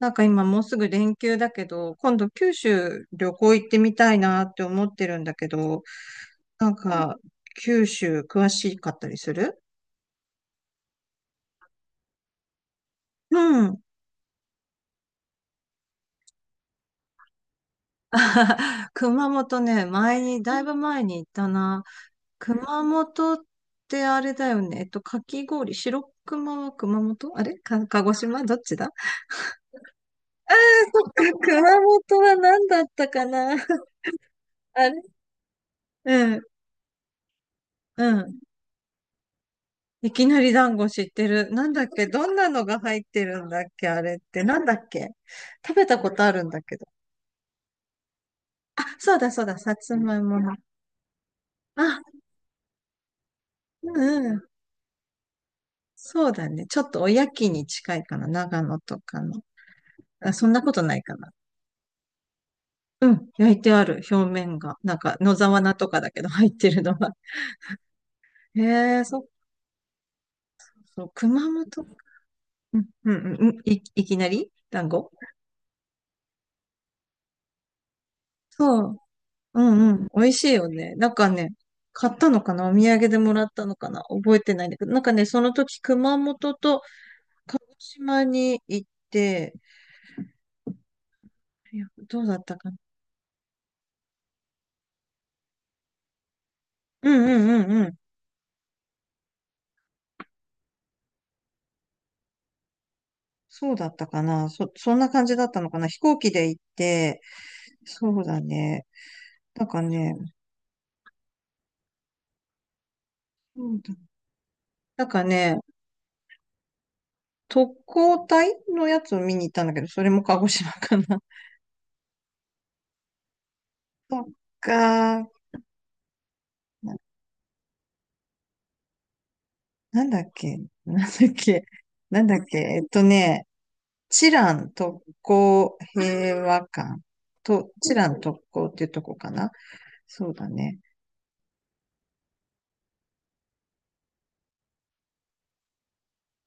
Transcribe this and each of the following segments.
今もうすぐ連休だけど、今度九州旅行行ってみたいなって思ってるんだけど、なんか九州詳しかったりする？うん。熊本ね、前に、だいぶ前に行ったな。熊本ってあれだよね。かき氷、白熊は熊本あれか、鹿児島どっちだ？ そっか、熊本は何だったかな。 あれ？うん、うん。いきなり団子知ってる。なんだっけ、どんなのが入ってるんだっけあれって。なんだっけ、食べたことあるんだけど。あ、そうだそうだ。さつまいもの。あ、うんうん。そうだね。ちょっとおやきに近いかな。長野とかの。あ、そんなことないかな。うん。焼いてある。表面が。野沢菜とかだけど入ってるのは。へえ、そっか。そう、熊本。うん、うん、うん。うん、いきなり団子。そう。うんうん。美味しいよね。なんかね、買ったのかな、お土産でもらったのかな、覚えてないんだけど、なんかね、その時熊本と鹿児島に行って、いや、どうだったかな。うんうんうんうん。そうだったかな、そんな感じだったのかな、飛行機で行って、そうだね。なんかね、そうだ、なんかね、特攻隊のやつを見に行ったんだけど、それも鹿児島かな。そっか。なんだっけ、なんだっけ、なんだっけ、えっとね、チラン特攻平和館と、チラン特攻っていうとこかな。そうだね。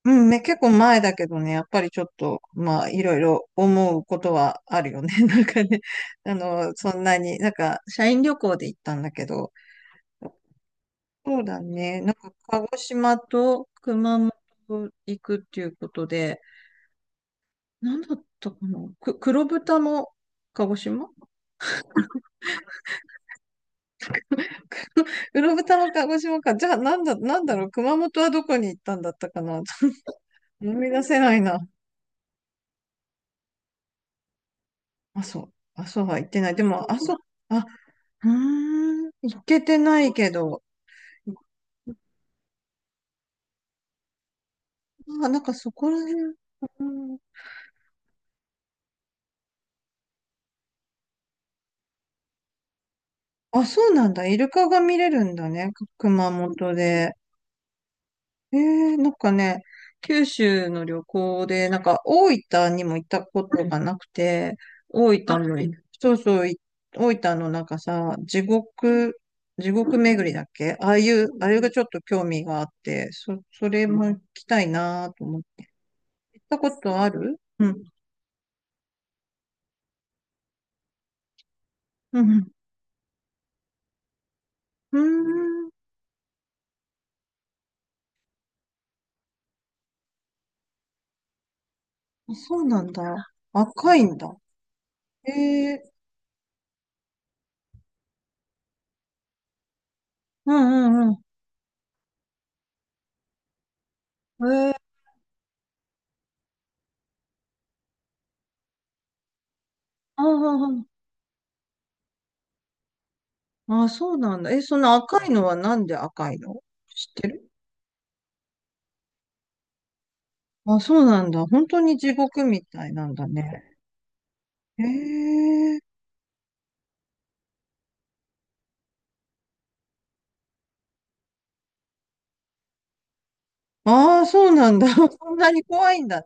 うんね、結構前だけどね、やっぱりちょっと、まあ、いろいろ思うことはあるよね。なんかね、あの、そんなに、なんか、社員旅行で行ったんだけど、そうだね、なんか、鹿児島と熊本行くっていうことで、なんだったかな、黒豚も鹿児島。 うろぶたの鹿児島か。じゃあ、なんだ、なんだろう。熊本はどこに行ったんだったかな。思い出せないな。阿蘇、阿蘇は行ってない。でも、阿蘇、あ、うーん、行けてないけど。あ、なんかそこら辺。うん、あ、そうなんだ。イルカが見れるんだね。熊本で。ええ、なんかね、九州の旅行で、なんか大分にも行ったことがなくて、大あ、分のい、そうそう、大分のなんかさ、地獄、地獄巡りだっけ、ああいう、あれがちょっと興味があって、それも行きたいなと思って。行ったことある？うん。うん。うん。うーん。そうなんだ。赤いんだ。ええ、うんうんうん。ええ、ああ、ああ、ああそうなんだ。え、その赤いのはなんで赤いの？知ってる？あ、そうなんだ。本当に地獄みたいなんだね。へえ。ああ、そうなんだ。そんなに怖いんだ。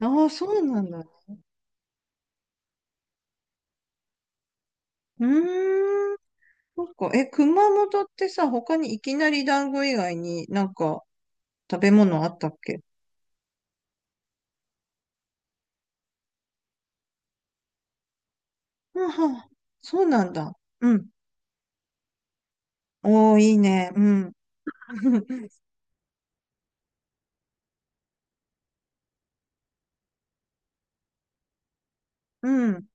ああ、そうなんだ。うーん。そっか。え、熊本ってさ、他にいきなり団子以外に食べ物あったっけ？うん、はあ、そうなんだ。うん。おー、いいね。うん。うん。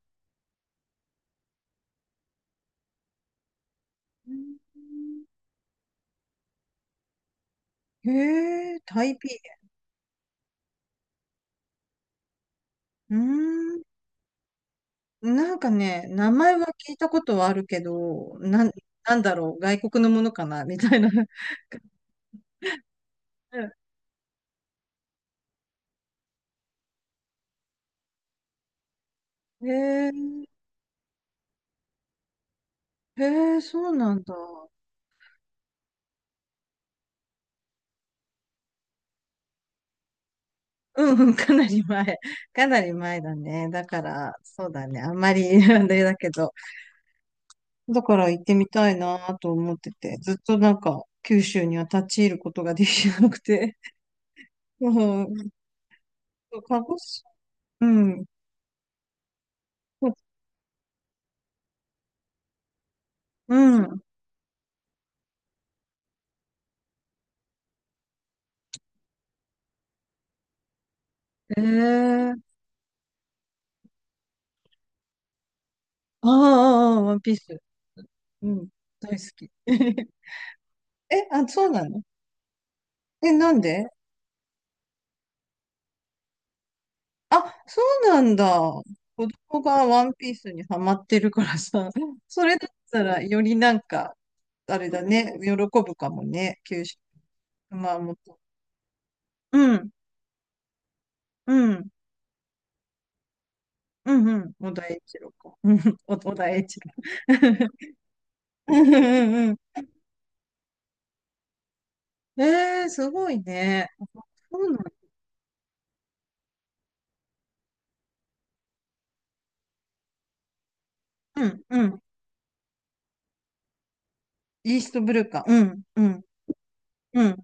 へえ、タイピー。うーん。なんかね、名前は聞いたことはあるけど、なんだろう、外国のものかな、みたいな。へえ、へえ、そうなんだ。うんうん、かなり前。かなり前だね。だから、そうだね。あんまり、あれだけど。だから行ってみたいなと思ってて、ずっとなんか、九州には立ち入ることができなくて。うん。鹿児島。うん。うん。ええ、ああ、ああ、ワンピース。うん。大好き。え、あ、そうなの？え、なんで？あ、そうなんだ。子供がワンピースにハマってるからさ、それだったらよりなんか、あれだね、喜ぶかもね、九州、熊本。うん、うん、うん、うん、小田栄一郎か。うん、お小田栄一郎。うんうんうん。えー、すごいね。そうなの。うん、うん。イーストブルーか。うん、うん、うん。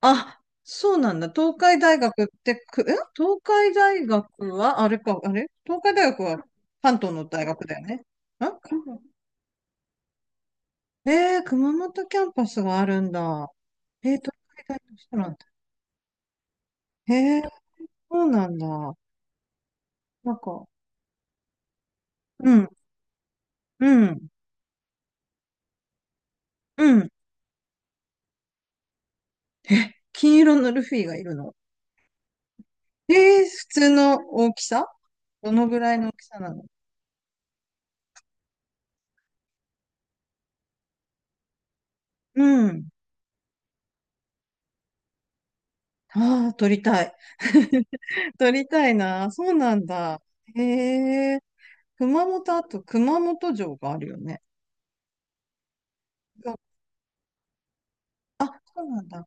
あ、そうなんだ。東海大学って東海大学は、あれか、あれ東海大学は関東の大学だよね。かえー、熊本キャンパスがあるんだ。えー、東海大の人なんだ。えー、そうなんだ。なんか、うん、うん、うん。金色のルフィがいるの？えー、普通の大きさ？どのぐらいの大きさなの？うん。ああ、撮りたい。撮りたいな。そうなんだ。へえ。熊本、あと熊本城があるよね。あ、そうなんだ。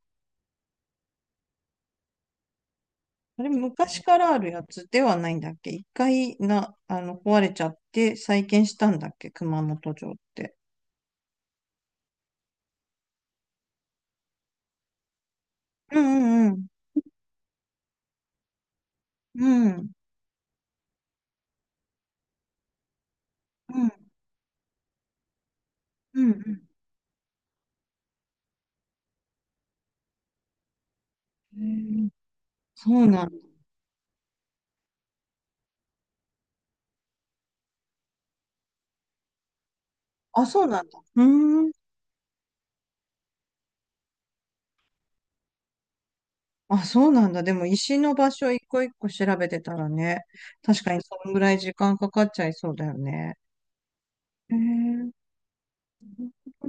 あれ、昔からあるやつではないんだっけ、一回な、あの、壊れちゃって再建したんだっけ、熊本城って。うんうんうん。うん。うん。うんうん。へえ、そうなんだ。あ、そうなんだ。うーん。あ、そうなんだ。でも石の場所一個一個調べてたらね、確かにそのぐらい時間かかっちゃいそうだよね。へえ。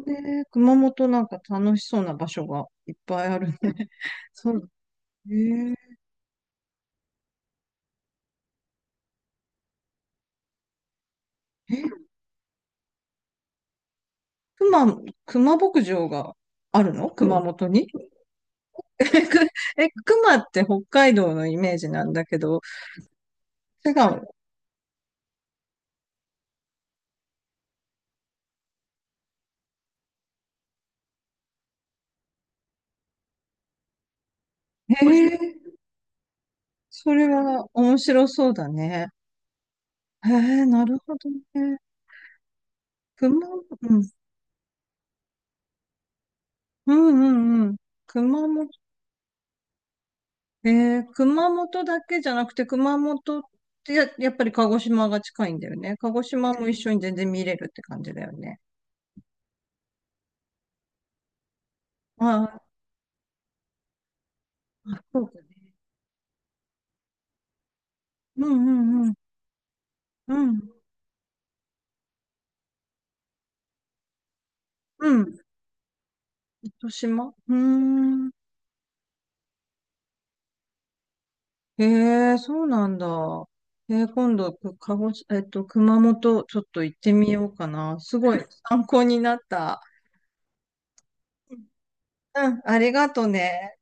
で、熊本なんか楽しそうな場所がいっぱいあるね。そう。えー、え、熊、熊牧場があるの、熊本に？ え、くえ、熊って北海道のイメージなんだけど、違う？えー、それは面白そうだね。えー、なるほどね。熊、うん、うんうんうん。熊、えー、熊本だけじゃなくて、熊本ってやっぱり鹿児島が近いんだよね。鹿児島も一緒に全然見れるって感じだよね。ああ、そうかね。うんうんうん。うん。うん。糸島、うーん。へえ、そうなんだ。えー、今度、鹿児島、えっと、熊本、ちょっと行ってみようかな。すごい参考になった。うん、ありがとね。